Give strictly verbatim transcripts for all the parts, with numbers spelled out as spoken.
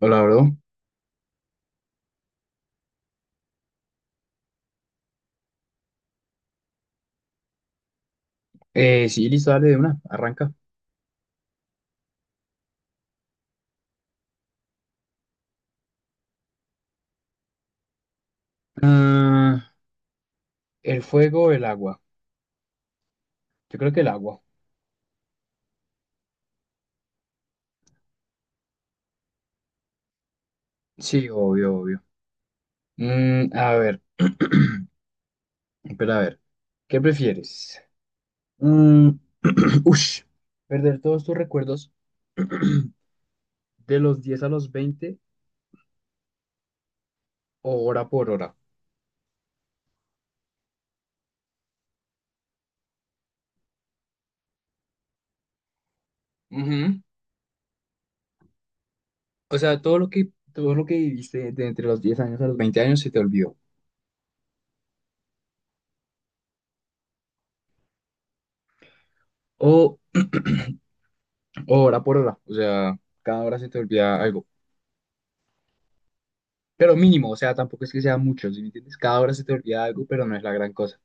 Hola, bro. Eh, sí, listo, dale de una, arranca. Ah, el fuego, el agua. Yo creo que el agua. Sí, obvio, obvio. Mm, a ver, espera, a ver. ¿Qué prefieres? Mm, ush, ¿perder todos tus recuerdos de los diez a los veinte o hora por hora? Ujú. O sea, todo lo que, todo lo que viviste de entre los diez años a los veinte años se te olvidó. O, o hora por hora. O sea, cada hora se te olvida algo, pero mínimo, o sea, tampoco es que sea mucho, ¿sí me entiendes? Cada hora se te olvida algo, pero no es la gran cosa.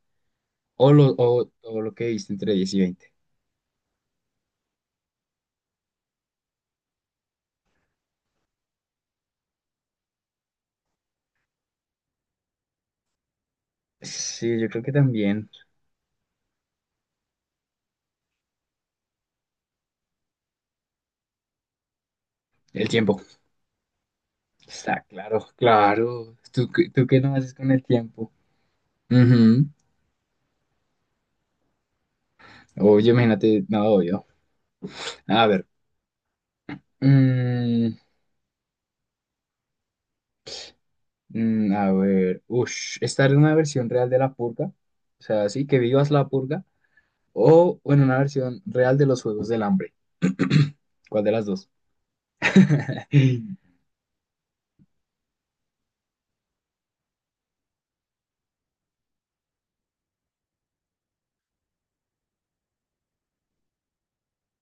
O lo, o, o lo que viste entre diez y veinte. Sí, yo creo que también el tiempo. Está claro, claro. ¿Tú, qué- ¿tú qué no haces con el tiempo? Ujú. Oye, imagínate, no, obvio. A ver. mm, mm, a ver. Ush, estar en una versión real de la purga. O sea, sí, que vivas la purga. O en una versión real de los Juegos del Hambre. ¿Cuál de las dos?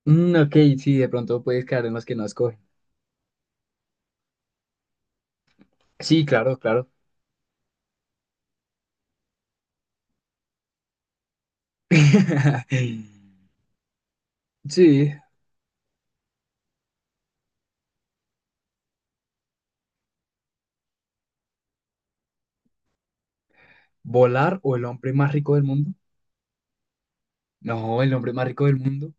Mm, ok, sí, de pronto puedes caer en los que no escogen. Sí, claro, claro. Sí, volar o el hombre más rico del mundo. No, el hombre más rico del mundo.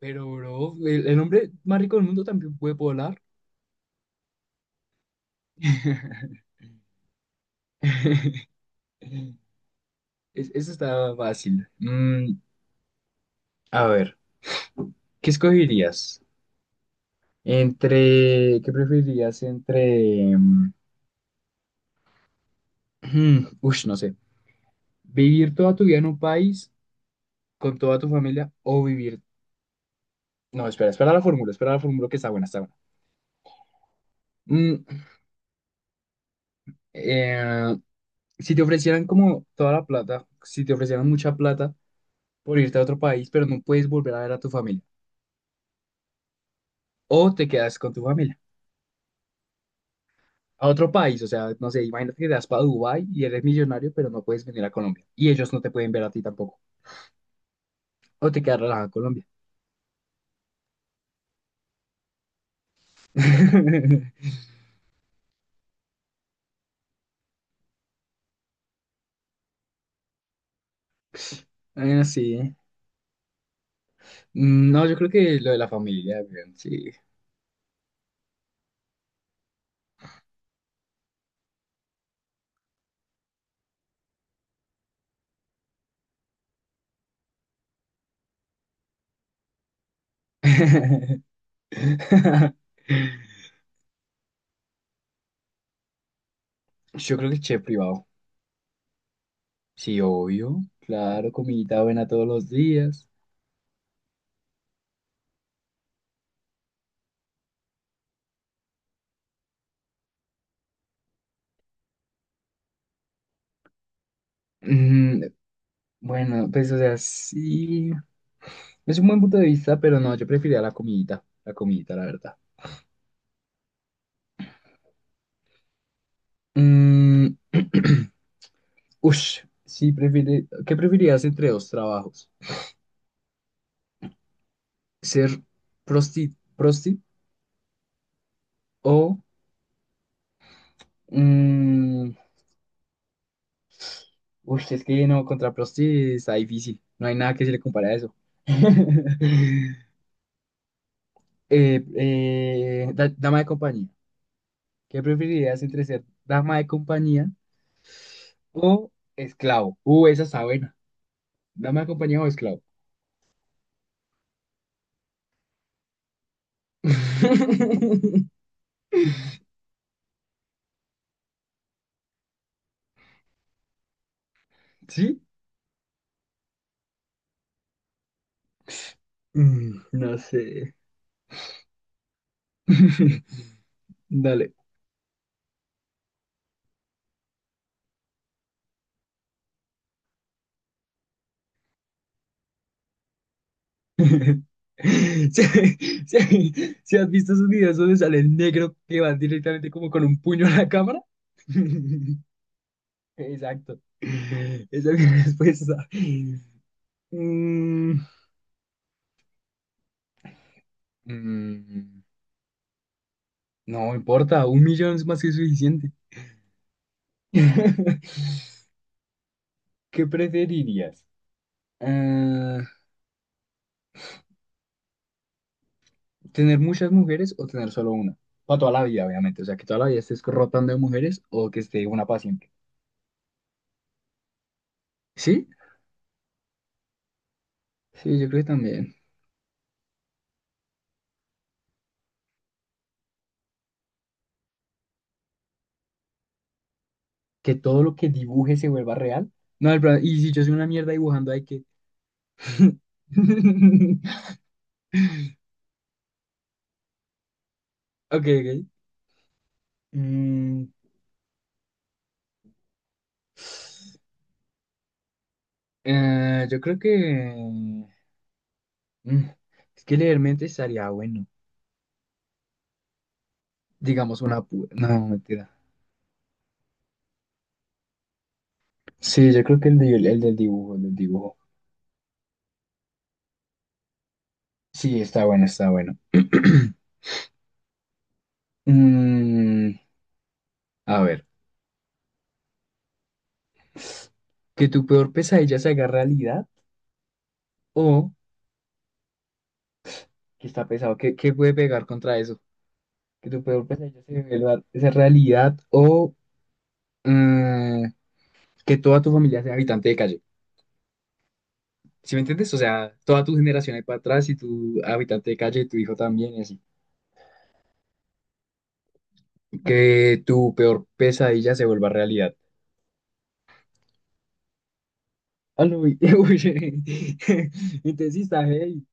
Pero, bro, el, el hombre más rico del mundo también puede volar. Es- eso está fácil. Mm, a ver, ¿qué escogerías? Entre, ¿qué preferirías entre, mm, ush, no sé, vivir toda tu vida en un país con toda tu familia o vivir No, espera, espera la fórmula, espera la fórmula que está buena, está buena. Mm, eh, si te ofrecieran como toda la plata, si te ofrecieran mucha plata por irte a otro país, pero no puedes volver a ver a tu familia, o te quedas con tu familia a otro país, o sea, no sé, imagínate que te vas para Dubái y eres millonario, pero no puedes venir a Colombia, y ellos no te pueden ver a ti tampoco, o te quedas relajado en Colombia. Eh, sí. Mm, No, yo creo que lo de la familia, weón, sí. Yo creo que chef privado. Sí, obvio, claro, comidita buena todos los días. Mm, bueno, pues o sea, sí, es un buen punto de vista, pero no, yo preferiría la comidita, la comidita, la verdad. Mm, ush, sí, prefiere, ¿qué preferirías entre dos trabajos? ¿Ser prosti, prosti o... mm, ush, es que no, contra prosti está difícil, no hay nada que se le compare a eso. Eh, eh, da- dama de compañía. ¿Qué preferirías entre ser dama de compañía o esclavo? Uh, esa está buena. ¿Dama de compañía o esclavo? ¿Sí? Mm, no sé. Dale. Si, si- si has visto esos videos donde sale el negro que va directamente como con un puño a la cámara. Exacto. Esa es mi respuesta. Mm, mm, no importa, un millón es más que suficiente. ¿Qué preferirías? Ah, ¿tener muchas mujeres o tener solo una? Para toda la vida, obviamente. O sea, que toda la vida estés rotando de mujeres o que esté una para siempre. ¿Sí? Sí, yo creo que también. Que todo lo que dibuje se vuelva real. No, el problema- y si yo soy una mierda dibujando, hay que... Ok, ok. Mm, eh, yo creo que... mm, es que leer mente estaría bueno. Digamos una... pu- No, mentira. Sí, yo creo que el, de el del dibujo, el del dibujo. Sí, está bueno, está bueno. Mm, a ver, que tu peor pesadilla se haga realidad o que está pesado, ¿qué, ¿qué puede pegar contra eso? Que tu peor pesadilla se vuelva esa realidad o mm, que toda tu familia sea habitante de calle. ¿Sí me entiendes? O sea, toda tu generación ahí para atrás y tu habitante de calle y tu hijo también y así. Que tu peor pesadilla se vuelva realidad. Ah, no, uy, uy, Entonces, sí está, hey.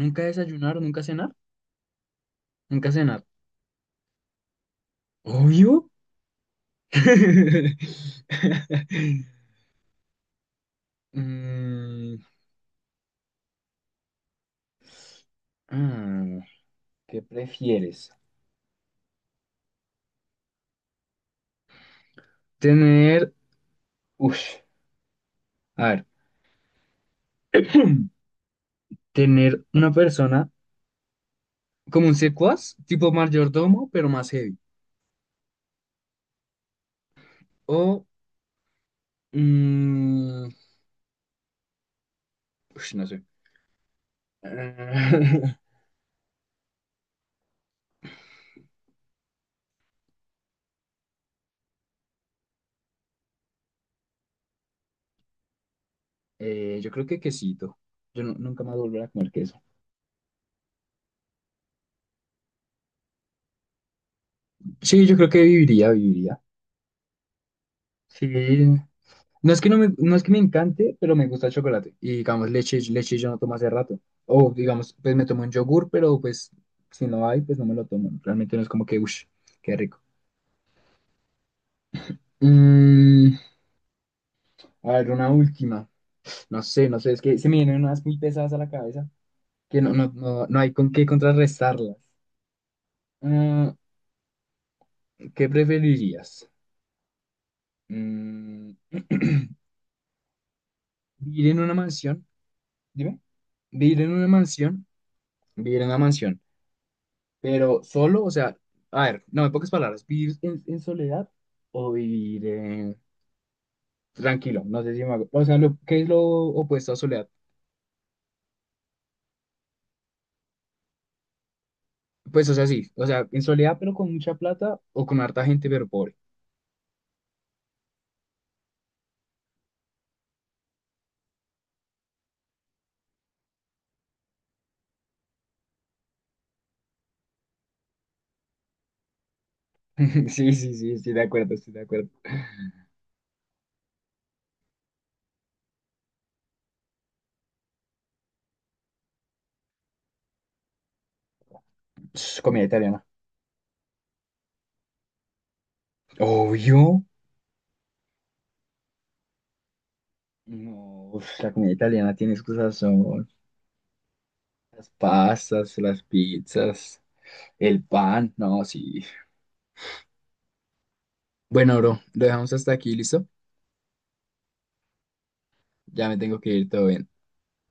¿Nunca desayunar, nunca cenar? Nunca cenar. Obvio. Mm, ah, ¿qué prefieres? Tener, uff, a ver, tener una persona como un secuaz, tipo mayordomo, pero más heavy. O, mm, ush, no sé. Eh, yo creo que quesito. Yo nu- nunca más volveré a comer queso. Sí, yo creo que viviría, viviría. Sí, No es que no me, no es que me encante, pero me gusta el chocolate. Y digamos, leche, leche yo no tomo hace rato. O digamos, pues me tomo un yogur, pero pues si no hay, pues no me lo tomo. Realmente no es como que, uff, qué rico. Mm, a ver, una última. No sé, no sé, es que se me vienen unas muy pesadas a la cabeza que no, no, no, no hay con qué contrarrestarlas. Ah, ¿qué preferirías? Mm, ¿vivir en una mansión? Dime. ¿Vivir en una mansión? Vivir en una mansión Pero solo, o sea, a ver, no, en pocas palabras, vivir en, en soledad o vivir eh, tranquilo, no sé si me hago- O sea, lo, ¿qué es lo opuesto a soledad? Pues, o sea, sí, o sea, en soledad pero con mucha plata o con harta gente pero pobre. Sí, sí, sí, estoy de acuerdo, estoy de acuerdo. Ps, comida italiana. Obvio. No, uf, la comida italiana tiene sus son Las pastas, las pizzas, el pan, no, sí. Bueno, bro, lo dejamos hasta aquí, ¿listo? Ya me tengo que ir, todo bien.